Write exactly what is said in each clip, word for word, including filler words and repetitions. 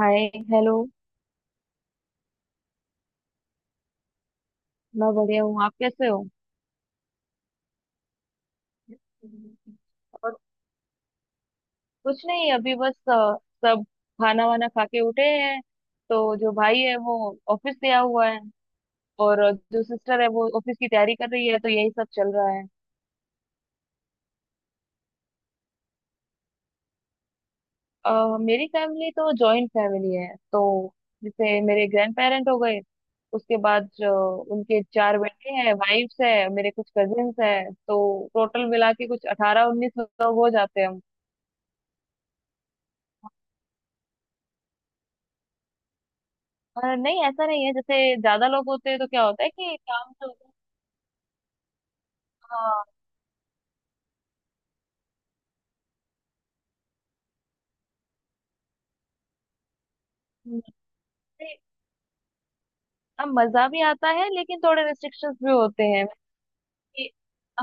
हाय hello. मैं बढ़िया हूँ। आप कैसे हो? और कुछ नहीं, अभी बस अ, सब खाना वाना खा के उठे हैं। तो जो भाई है वो ऑफिस गया हुआ है, और अ, जो सिस्टर है वो ऑफिस की तैयारी कर रही है, तो यही सब चल रहा है। अ, मेरी फैमिली तो जॉइंट फैमिली है। तो जैसे मेरे ग्रैंड पेरेंट हो गए, उसके बाद जो उनके चार बेटे हैं, वाइफ्स है, मेरे कुछ कजिन्स हैं, तो टोटल मिला के कुछ अठारह उन्नीस लोग हो जाते हैं हम। अ, नहीं, ऐसा नहीं है। जैसे ज्यादा लोग होते हैं तो क्या होता है कि काम जो होता है, हाँ, जैसे, अब मजा भी आता है लेकिन थोड़े रिस्ट्रिक्शंस भी होते हैं कि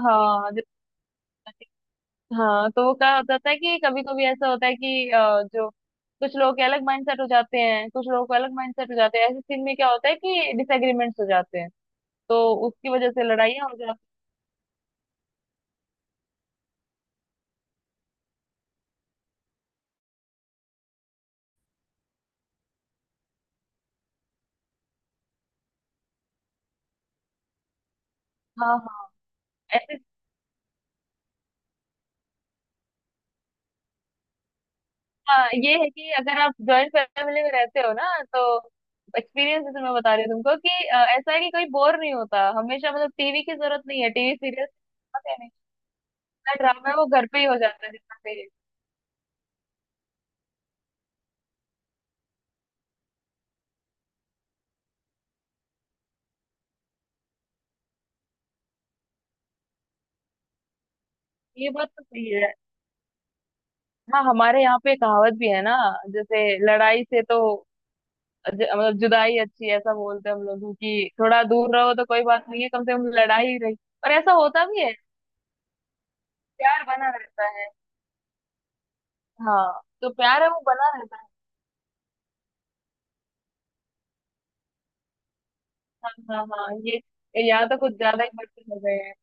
हाँ। जैसे- हाँ, तो वो क्या हो जाता है कि कभी कभी ऐसा होता है कि अ, जो कुछ लोग के अलग माइंडसेट हो जाते हैं, कुछ लोगों के अलग माइंडसेट हो जाते हैं। ऐसे सीन में क्या होता है कि डिसएग्रीमेंट्स हो जाते हैं, तो उसकी वजह से लड़ाइयाँ हो जाती हैं। हाँ, हाँ, हाँ, ये है कि अगर आप जॉइंट फैमिली में रहते हो ना, तो एक्सपीरियंस जैसे मैं बता रही हूँ तुमको कि अ, ऐसा है कि कोई बोर नहीं होता हमेशा। मतलब टीवी की जरूरत नहीं है, टीवी सीरियल जितना ड्रामा है वो घर पे ही हो जाता है, जितना सीरियल। ये बात तो सही है। हाँ, हमारे यहाँ पे कहावत भी है ना, जैसे लड़ाई से तो ज, मतलब जुदाई अच्छी है, ऐसा बोलते हैं हम लोग कि थोड़ा दूर रहो तो कोई बात नहीं है, कम से कम लड़ाई रही। और ऐसा होता भी है, प्यार बना रहता है। हाँ, तो प्यार है वो बना रहता है। हाँ, हाँ, हाँ, ये यहाँ तो कुछ ज्यादा ही बढ़ते लग रहे हैं।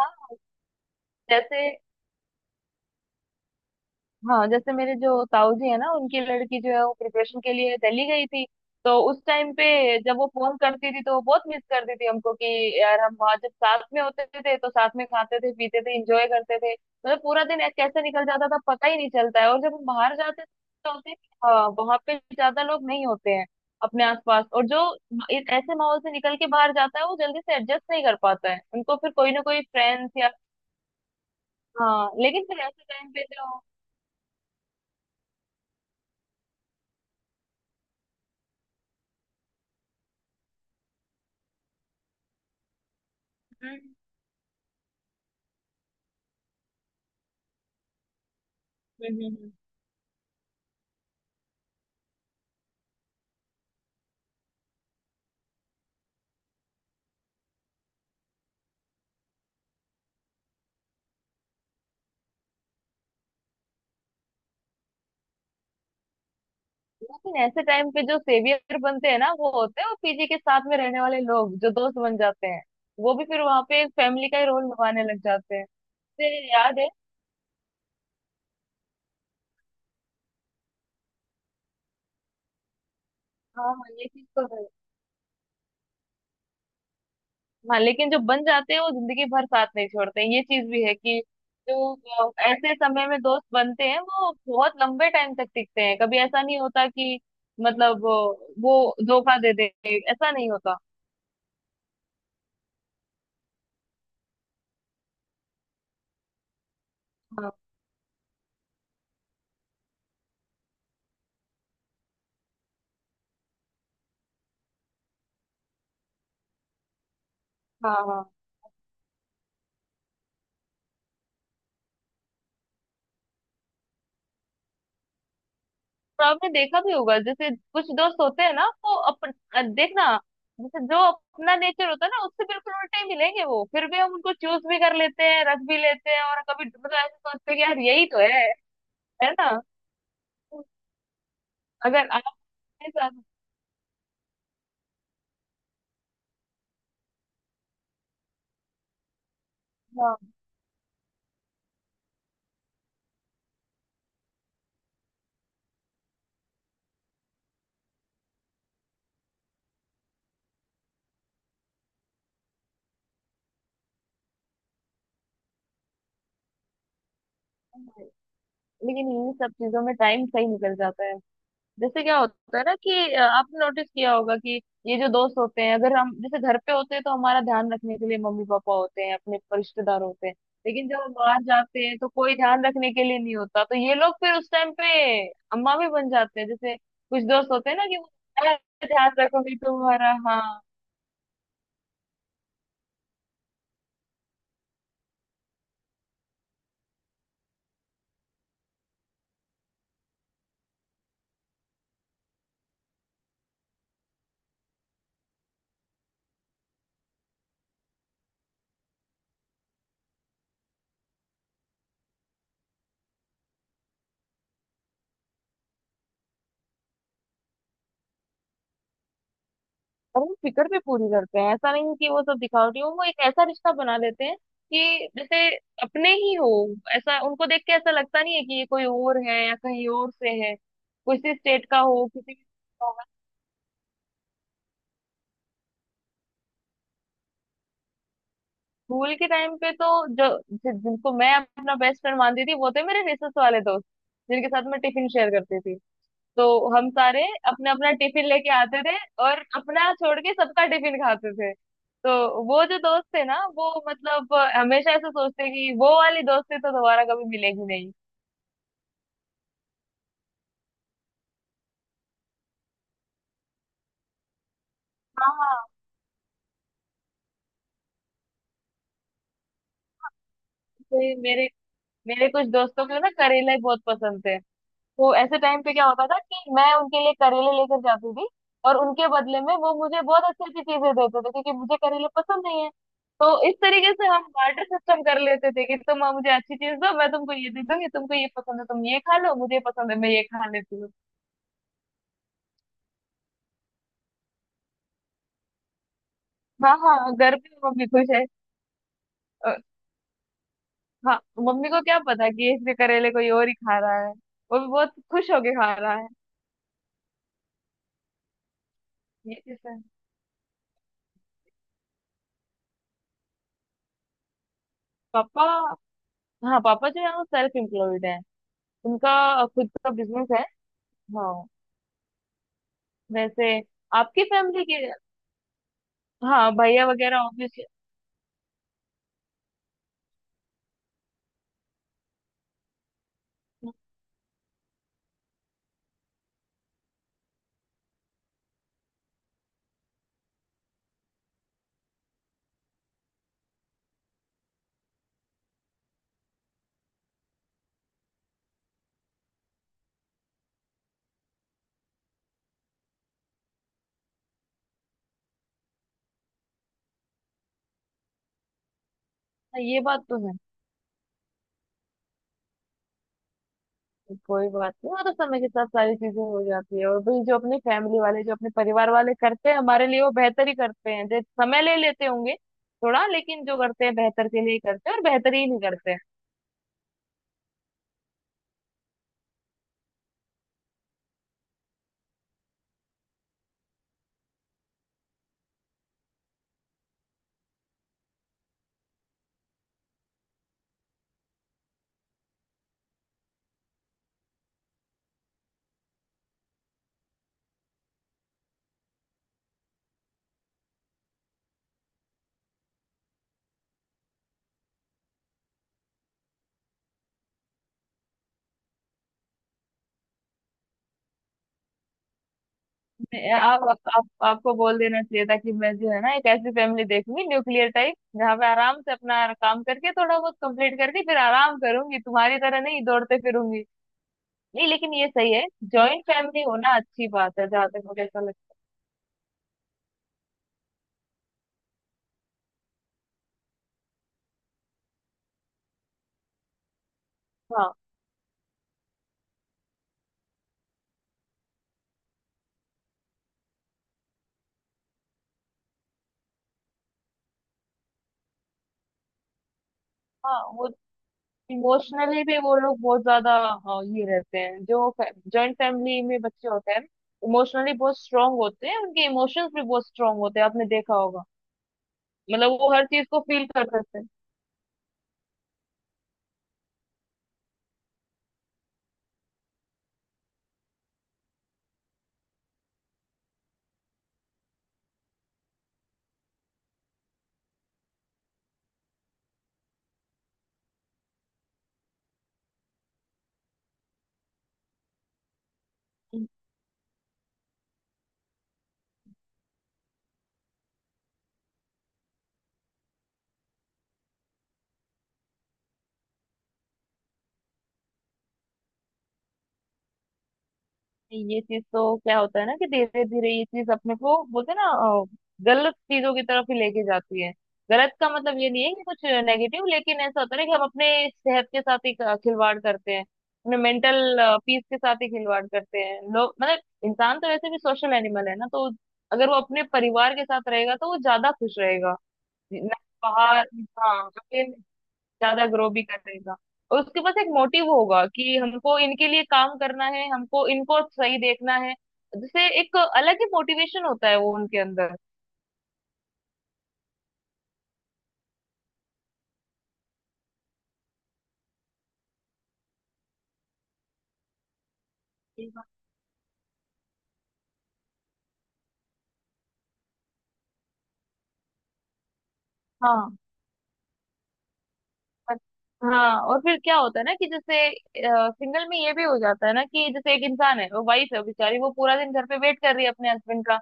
हाँ जैसे हाँ, जैसे मेरे जो ताऊ जी है ना, उनकी लड़की जो है वो प्रिपरेशन के लिए दिल्ली गई थी। तो उस टाइम पे जब वो फोन करती थी तो वो बहुत मिस करती थी हमको कि यार हम वहाँ जब साथ में होते थे तो साथ में खाते थे, पीते थे, इंजॉय करते थे, मतलब पूरा दिन ऐसे- कैसे निकल जाता था पता ही नहीं चलता है। और जब हम बाहर जाते तो होते हैं कि, हाँ, वहाँ पे ज्यादा लोग नहीं होते हैं अपने आसपास, और जो एक ऐसे माहौल से निकल के बाहर जाता है वो जल्दी से एडजस्ट नहीं कर पाता है। उनको फिर कोई ना कोई फ्रेंड्स या हाँ, लेकिन फिर ऐसे टाइम पे जो हम्म, हम्म, हम्म, हम्म। लेकिन ऐसे टाइम पे जो सेवियर बनते हैं ना वो होते हैं वो पीजी के साथ में रहने वाले लोग, जो दोस्त बन जाते हैं। वो भी फिर वहां पे एक फैमिली का ही रोल निभाने लग जाते हैं। मुझे याद है। हाँ, हाँ, ये चीज तो है। हाँ, लेकिन जो बन जाते हैं वो जिंदगी भर साथ नहीं छोड़ते हैं। ये चीज भी है कि जो अ, ऐसे समय में दोस्त बनते हैं वो बहुत लंबे टाइम तक टिकते हैं। कभी ऐसा नहीं होता कि मतलब अ, वो धोखा दे दे, ऐसा नहीं होता। हाँ, हाँ, हाँ। और आपने देखा भी होगा, जैसे कुछ दोस्त होते हैं ना वो अपन अ, देखना, जैसे जो अपना नेचर होता है ना उससे बिल्कुल उल्टे ही मिलेंगे, वो फिर भी हम उनको चूज भी कर लेते हैं, रख भी लेते हैं और कभी मतलब ऐसे सोचते हैं कि यार यही तो है। है ना। अगर आपके साथ, हाँ, लेकिन इन सब चीजों में टाइम सही निकल जाता है। जैसे क्या होता है ना कि अ, आपने नोटिस किया होगा कि ये जो दोस्त होते हैं, अगर हम जैसे घर पे होते हैं तो हमारा ध्यान रखने के लिए मम्मी पापा होते हैं, अपने पर रिश्तेदार होते हैं। लेकिन जब हम बाहर जाते हैं तो कोई ध्यान रखने के लिए नहीं होता, तो ये लोग फिर उस टाइम पे अम्मा भी बन जाते हैं। जैसे कुछ दोस्त होते हैं ना कि वो, "अरे, ध्यान रखोगे, तुम्हारा, हाँ"। और वो फिक्र भी पूरी करते हैं, ऐसा नहीं कि वो सब दिखावटी हो। वो एक ऐसा रिश्ता बना देते हैं कि जैसे अपने ही हो। ऐसा उनको देख के ऐसा लगता नहीं है कि ये कोई और है या कहीं और से है, किसी स्टेट का हो, किसी भी state का हो। स्कूल के टाइम पे तो जो जि- जिनको मैं अपना बेस्ट फ्रेंड मानती थी वो थे मेरे रिसेस वाले दोस्त, जिनके साथ मैं टिफिन शेयर करती थी। तो हम सारे अपना अपना टिफिन लेके आते थे, और अपना छोड़ के सबका टिफिन खाते थे। तो वो जो दोस्त थे ना वो मतलब अ, हमेशा ऐसा सोचते कि वो वाली दोस्ती तो दोबारा कभी मिलेगी नहीं। हाँ। मेरे मेरे मेरे कुछ दोस्तों को ना करेला ही बहुत पसंद थे। तो ऐसे टाइम पे क्या होता था कि मैं उनके लिए करेले लेकर जाती थी, और उनके बदले में वो मुझे बहुत अच्छी अच्छी चीजें देते थे, क्योंकि मुझे करेले पसंद नहीं है। तो इस तरीके से हम बार्टर सिस्टम कर लेते थे कि तुम मुझे अच्छी चीज दो, मैं तुमको ये दे दूंगी, तुमको ये पसंद है तुम ये खा लो, मुझे ये पसंद है मैं ये खा लेती हूँ। हाँ, हाँ, घर पे मम्मी खुश है। अ, हाँ, मम्मी को क्या पता कि इसके करेले कोई और ही खा रहा है, वो भी बहुत खुश होके खा रहा है। ये चीज है। पापा हाँ, पापा जो है वो सेल्फ एम्प्लॉयड है। उनका खुद का बिजनेस है। हाँ। वैसे आपकी फैमिली के, हाँ, भैया वगैरह ऑब्वियसली। ये बात तो है। कोई बात नहीं, वो तो समय के साथ सारी चीजें हो जाती है, और भाई जो अपनी फैमिली वाले जो अपने परिवार वाले करते हैं हमारे लिए वो बेहतर ही करते हैं। जो समय ले लेते होंगे थोड़ा, लेकिन जो करते हैं बेहतर के लिए ही करते हैं, और बेहतर ही नहीं करते हैं। मैं- आप, आप, आप आपको बोल देना चाहिए था कि मैं जो है ना, एक ऐसी फैमिली देखूंगी न्यूक्लियर टाइप, जहाँ पे आराम से अपना काम करके थोड़ा बहुत कंप्लीट करके फिर आराम करूंगी, तुम्हारी तरह नहीं दौड़ते फिरूंगी। नहीं, लेकिन ये सही है। जॉइंट फैमिली होना अच्छी बात है, जहाँ तक मुझे ऐसा लगता है। हाँ, हाँ, वो इमोशनली भी वो लोग बहुत ज्यादा, हाँ, ये रहते हैं जो जॉइंट फैमिली में बच्चे होते हैं। इमोशनली बहुत स्ट्रांग होते हैं, उनके इमोशंस भी बहुत स्ट्रांग होते हैं, आपने देखा होगा। मतलब वो हर चीज को फील कर सकते हैं। ये चीज तो क्या होता है ना कि धीरे धीरे ये चीज, अपने को बोलते हैं ना, अ, गलत चीजों की तरफ ही लेके जाती है। गलत का मतलब ये नहीं है कि कुछ नेगेटिव, लेकिन ऐसा होता है ना कि हम अपने सेहत के साथ ही अ, खिलवाड़ करते हैं, अपने मेंटल पीस के साथ ही खिलवाड़ करते हैं लोग। मतलब इंसान तो वैसे भी सोशल एनिमल है ना, तो अगर वो अपने परिवार के साथ रहेगा तो वो ज्यादा खुश रहेगा। ना, बाहर, हाँ, ज्यादा ग्रो भी करेगा। और उसके पास एक मोटिव होगा कि हमको इनके लिए काम करना है, हमको इनको सही देखना है। जैसे एक अलग ही मोटिवेशन होता है वो उनके अंदर। ये बात, हाँ। पर- हाँ, और फिर क्या होता है ना कि जैसे सिंगल में ये भी हो जाता है ना कि जैसे एक इंसान है, वो वाइफ है बेचारी, वो पूरा दिन घर पे वेट कर रही है अपने हस्बैंड का।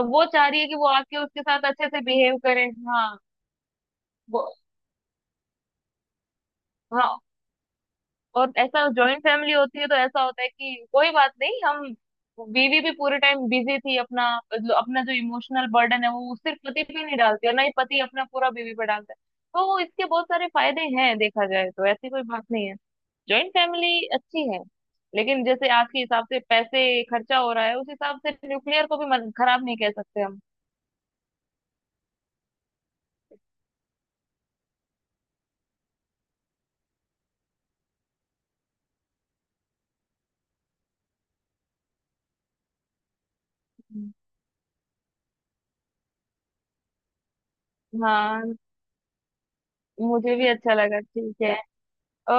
अब वो चाह रही है कि वो आके उसके साथ अच्छे से बिहेव करे। हाँ, वो हाँ, और ऐसा जॉइंट फैमिली होती है तो ऐसा होता है कि कोई बात नहीं, हम बीवी भी पूरे टाइम बिजी थी अपना, मतलब अपना जो इमोशनल बर्डन है वो सिर्फ पति पे नहीं डालती, और ना ही पति अपना पूरा बीवी पे डालता है। तो इसके बहुत सारे फायदे हैं, देखा जाए तो ऐसी कोई बात नहीं है। जॉइंट फैमिली अच्छी है। लेकिन जैसे आज के हिसाब से पैसे खर्चा हो रहा है, उस हिसाब से न्यूक्लियर को भी मत- खराब नहीं कह सकते हम। हाँ, मुझे भी अच्छा लगा, ठीक है।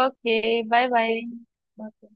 Okay, bye bye.